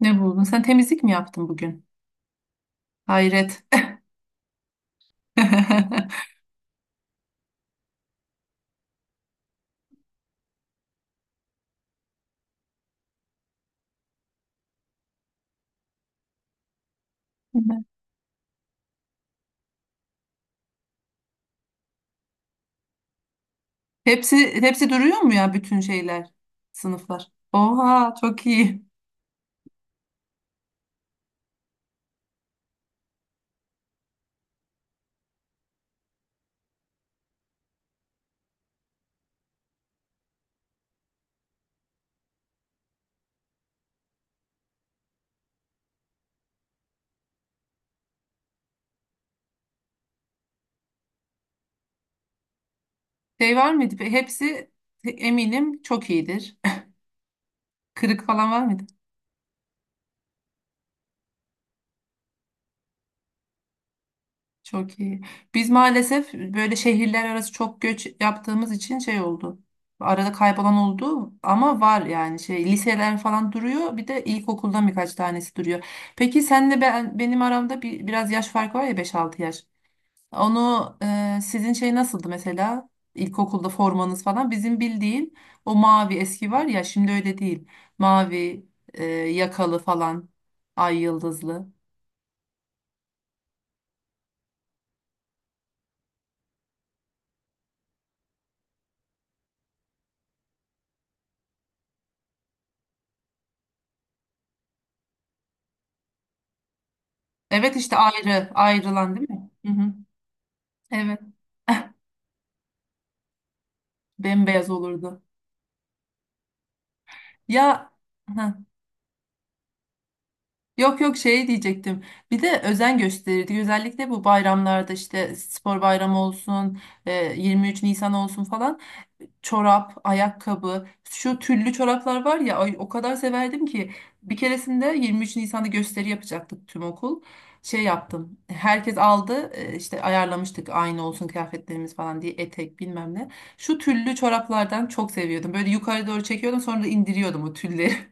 Ne buldun? Sen temizlik mi yaptın bugün? Hayret. Hepsi hepsi duruyor mu ya bütün şeyler, sınıflar? Oha, çok iyi. Şey var mıydı? Hepsi eminim çok iyidir. Kırık falan var mıydı? Çok iyi. Biz maalesef böyle şehirler arası çok göç yaptığımız için şey oldu. Arada kaybolan oldu ama var yani şey liseler falan duruyor. Bir de ilkokuldan birkaç tanesi duruyor. Peki senle benim aramda bir, biraz yaş farkı var ya beş altı yaş. Onu sizin şey nasıldı mesela? İlkokulda formanız falan. Bizim bildiğin o mavi eski var ya şimdi öyle değil. Mavi yakalı falan. Ay yıldızlı. Evet işte ayrı ayrılan değil mi? Hı hı. Evet. Bembeyaz olurdu. Ya heh. Yok yok şey diyecektim. Bir de özen gösterirdik. Özellikle bu bayramlarda işte spor bayramı olsun, 23 Nisan olsun falan. Çorap, ayakkabı, şu tüllü çoraplar var ya ay, o kadar severdim ki bir keresinde 23 Nisan'da gösteri yapacaktık tüm okul. Şey yaptım. Herkes aldı, işte ayarlamıştık aynı olsun kıyafetlerimiz falan diye etek bilmem ne. Şu tüllü çoraplardan çok seviyordum. Böyle yukarı doğru çekiyordum sonra da indiriyordum o tülleri.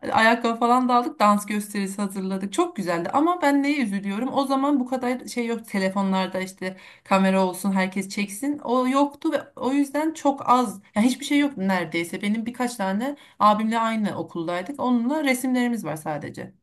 Hani ayakkabı falan da aldık, dans gösterisi hazırladık. Çok güzeldi ama ben neye üzülüyorum? O zaman bu kadar şey yok. Telefonlarda işte kamera olsun, herkes çeksin. O yoktu ve o yüzden çok az. Yani hiçbir şey yok neredeyse. Benim birkaç tane abimle aynı okuldaydık. Onunla resimlerimiz var sadece.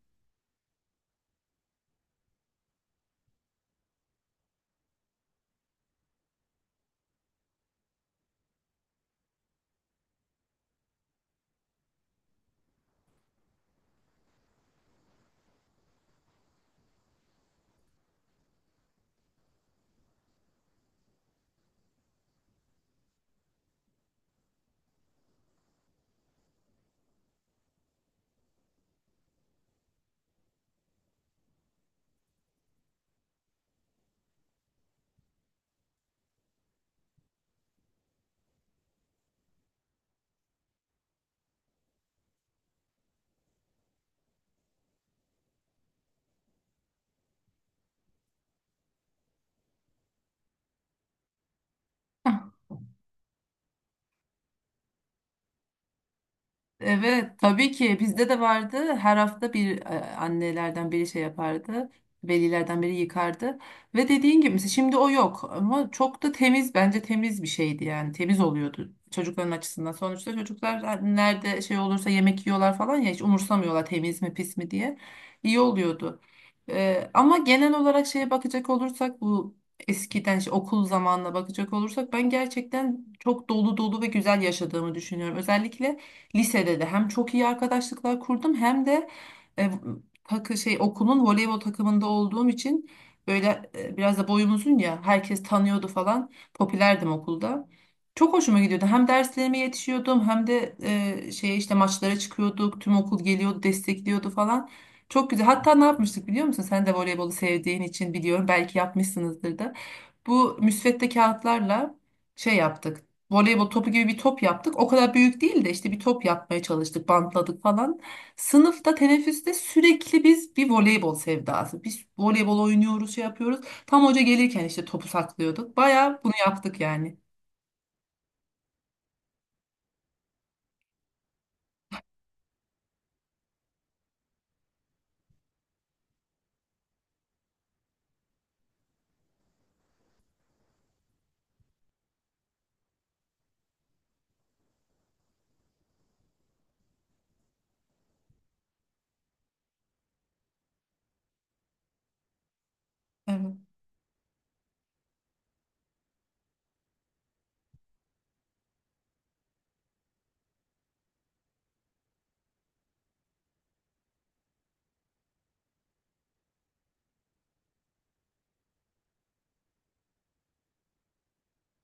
Evet, tabii ki bizde de vardı. Her hafta bir, annelerden biri şey yapardı. Velilerden biri yıkardı. Ve dediğin gibi mesela şimdi o yok ama çok da temiz, bence temiz bir şeydi yani temiz oluyordu çocukların açısından. Sonuçta çocuklar nerede şey olursa yemek yiyorlar falan ya, hiç umursamıyorlar temiz mi pis mi diye. İyi oluyordu. Ama genel olarak şeye bakacak olursak bu eskiden işte okul zamanına bakacak olursak ben gerçekten çok dolu dolu ve güzel yaşadığımı düşünüyorum. Özellikle lisede de hem çok iyi arkadaşlıklar kurdum hem de e, takı şey okulun voleybol takımında olduğum için böyle, biraz da boyum uzun ya herkes tanıyordu falan. Popülerdim okulda. Çok hoşuma gidiyordu. Hem derslerime yetişiyordum hem de şey işte maçlara çıkıyorduk. Tüm okul geliyordu, destekliyordu falan. Çok güzel. Hatta ne yapmıştık biliyor musun? Sen de voleybolu sevdiğin için biliyorum. Belki yapmışsınızdır da. Bu müsvedde kağıtlarla şey yaptık. Voleybol topu gibi bir top yaptık. O kadar büyük değil de işte bir top yapmaya çalıştık, bantladık falan. Sınıfta, teneffüste sürekli biz bir voleybol sevdası. Biz voleybol oynuyoruz, şey yapıyoruz. Tam hoca gelirken işte topu saklıyorduk. Bayağı bunu yaptık yani. Evet.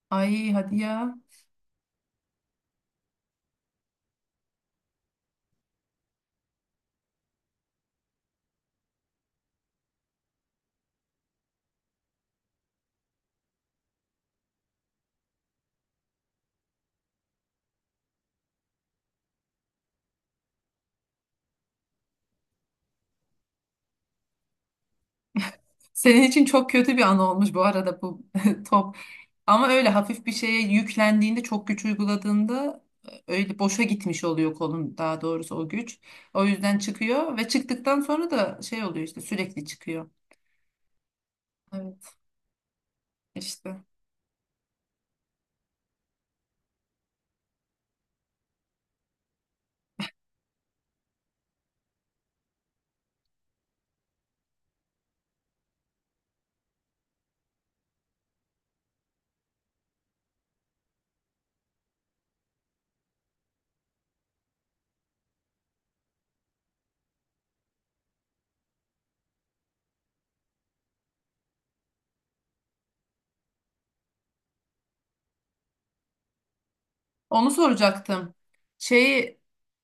Ay hadi ya. Senin için çok kötü bir an olmuş bu arada bu top. Ama öyle hafif bir şeye yüklendiğinde, çok güç uyguladığında, öyle boşa gitmiş oluyor kolun, daha doğrusu o güç. O yüzden çıkıyor ve çıktıktan sonra da şey oluyor işte, sürekli çıkıyor. Evet işte. Onu soracaktım. Şeyi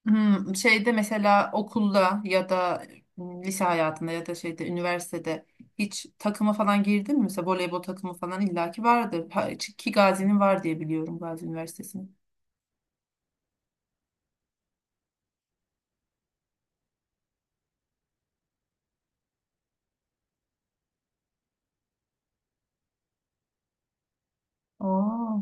şeyde mesela okulda ya da lise hayatında ya da şeyde üniversitede hiç takıma falan girdin mi? Mesela voleybol takımı falan illaki vardır. Ha, ki Gazi'nin var diye biliyorum, Gazi Üniversitesi'nin. Oo.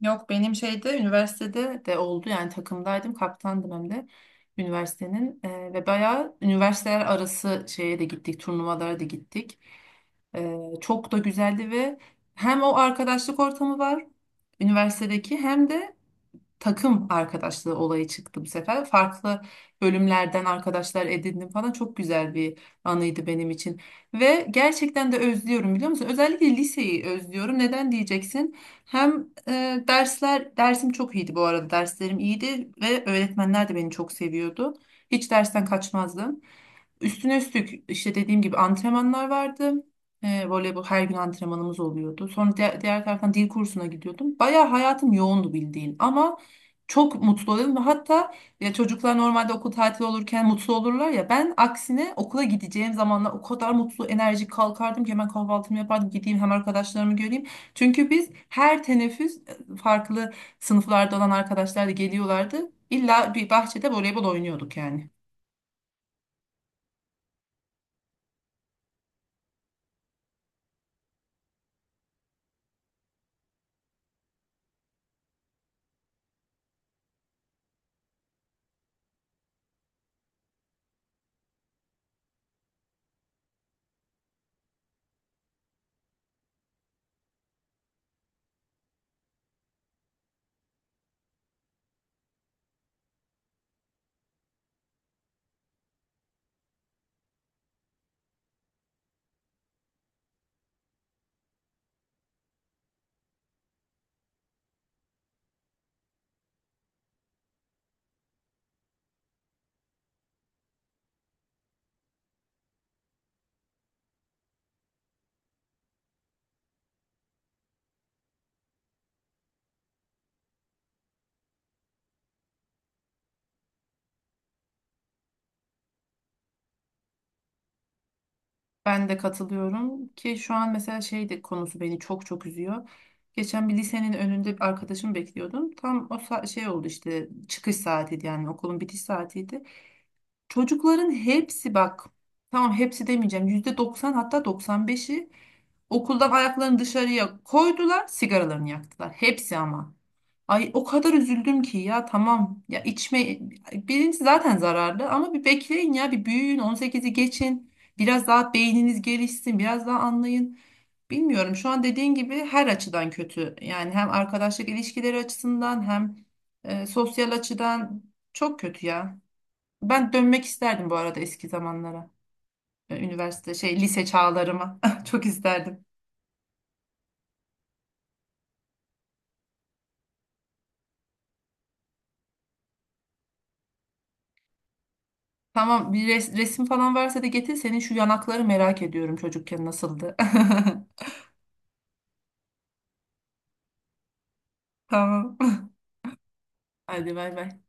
Yok, benim şeyde üniversitede de oldu yani, takımdaydım kaptandım hem de üniversitenin. Ve bayağı üniversiteler arası şeye de gittik, turnuvalara da gittik. Çok da güzeldi ve hem o arkadaşlık ortamı var üniversitedeki hem de takım arkadaşlığı olayı çıktı bu sefer. Farklı bölümlerden arkadaşlar edindim falan, çok güzel bir anıydı benim için. Ve gerçekten de özlüyorum biliyor musun? Özellikle liseyi özlüyorum. Neden diyeceksin? Hem dersler, dersim çok iyiydi bu arada. Derslerim iyiydi ve öğretmenler de beni çok seviyordu. Hiç dersten kaçmazdım. Üstüne üstlük işte dediğim gibi antrenmanlar vardı. Voleybol her gün antrenmanımız oluyordu. Sonra diğer taraftan dil kursuna gidiyordum. Bayağı hayatım yoğundu bildiğin ama çok mutlu oluyorum. Hatta ya, çocuklar normalde okul tatili olurken mutlu olurlar ya. Ben aksine okula gideceğim zamanlar o kadar mutlu, enerjik kalkardım ki hemen kahvaltımı yapardım. Gideyim hem arkadaşlarımı göreyim. Çünkü biz her teneffüs, farklı sınıflarda olan arkadaşlar da geliyorlardı. İlla bir bahçede voleybol oynuyorduk yani. Ben de katılıyorum ki şu an mesela şey de konusu beni çok çok üzüyor. Geçen bir lisenin önünde bir arkadaşımı bekliyordum. Tam o şey oldu işte, çıkış saatiydi yani okulun bitiş saatiydi. Çocukların hepsi, bak tamam hepsi demeyeceğim, %90, hatta 95'i okuldan ayaklarını dışarıya koydular, sigaralarını yaktılar. Hepsi ama. Ay o kadar üzüldüm ki ya, tamam ya içme, birincisi zaten zararlı, ama bir bekleyin ya, bir büyüyün, 18'i geçin, biraz daha beyniniz gelişsin, biraz daha anlayın. Bilmiyorum, şu an dediğin gibi her açıdan kötü yani, hem arkadaşlık ilişkileri açısından hem sosyal açıdan çok kötü ya. Ben dönmek isterdim bu arada eski zamanlara. Üniversite şey lise çağlarıma çok isterdim. Tamam, bir resim falan varsa da getir. Senin şu yanakları merak ediyorum, çocukken nasıldı. Tamam. Hadi bay bay.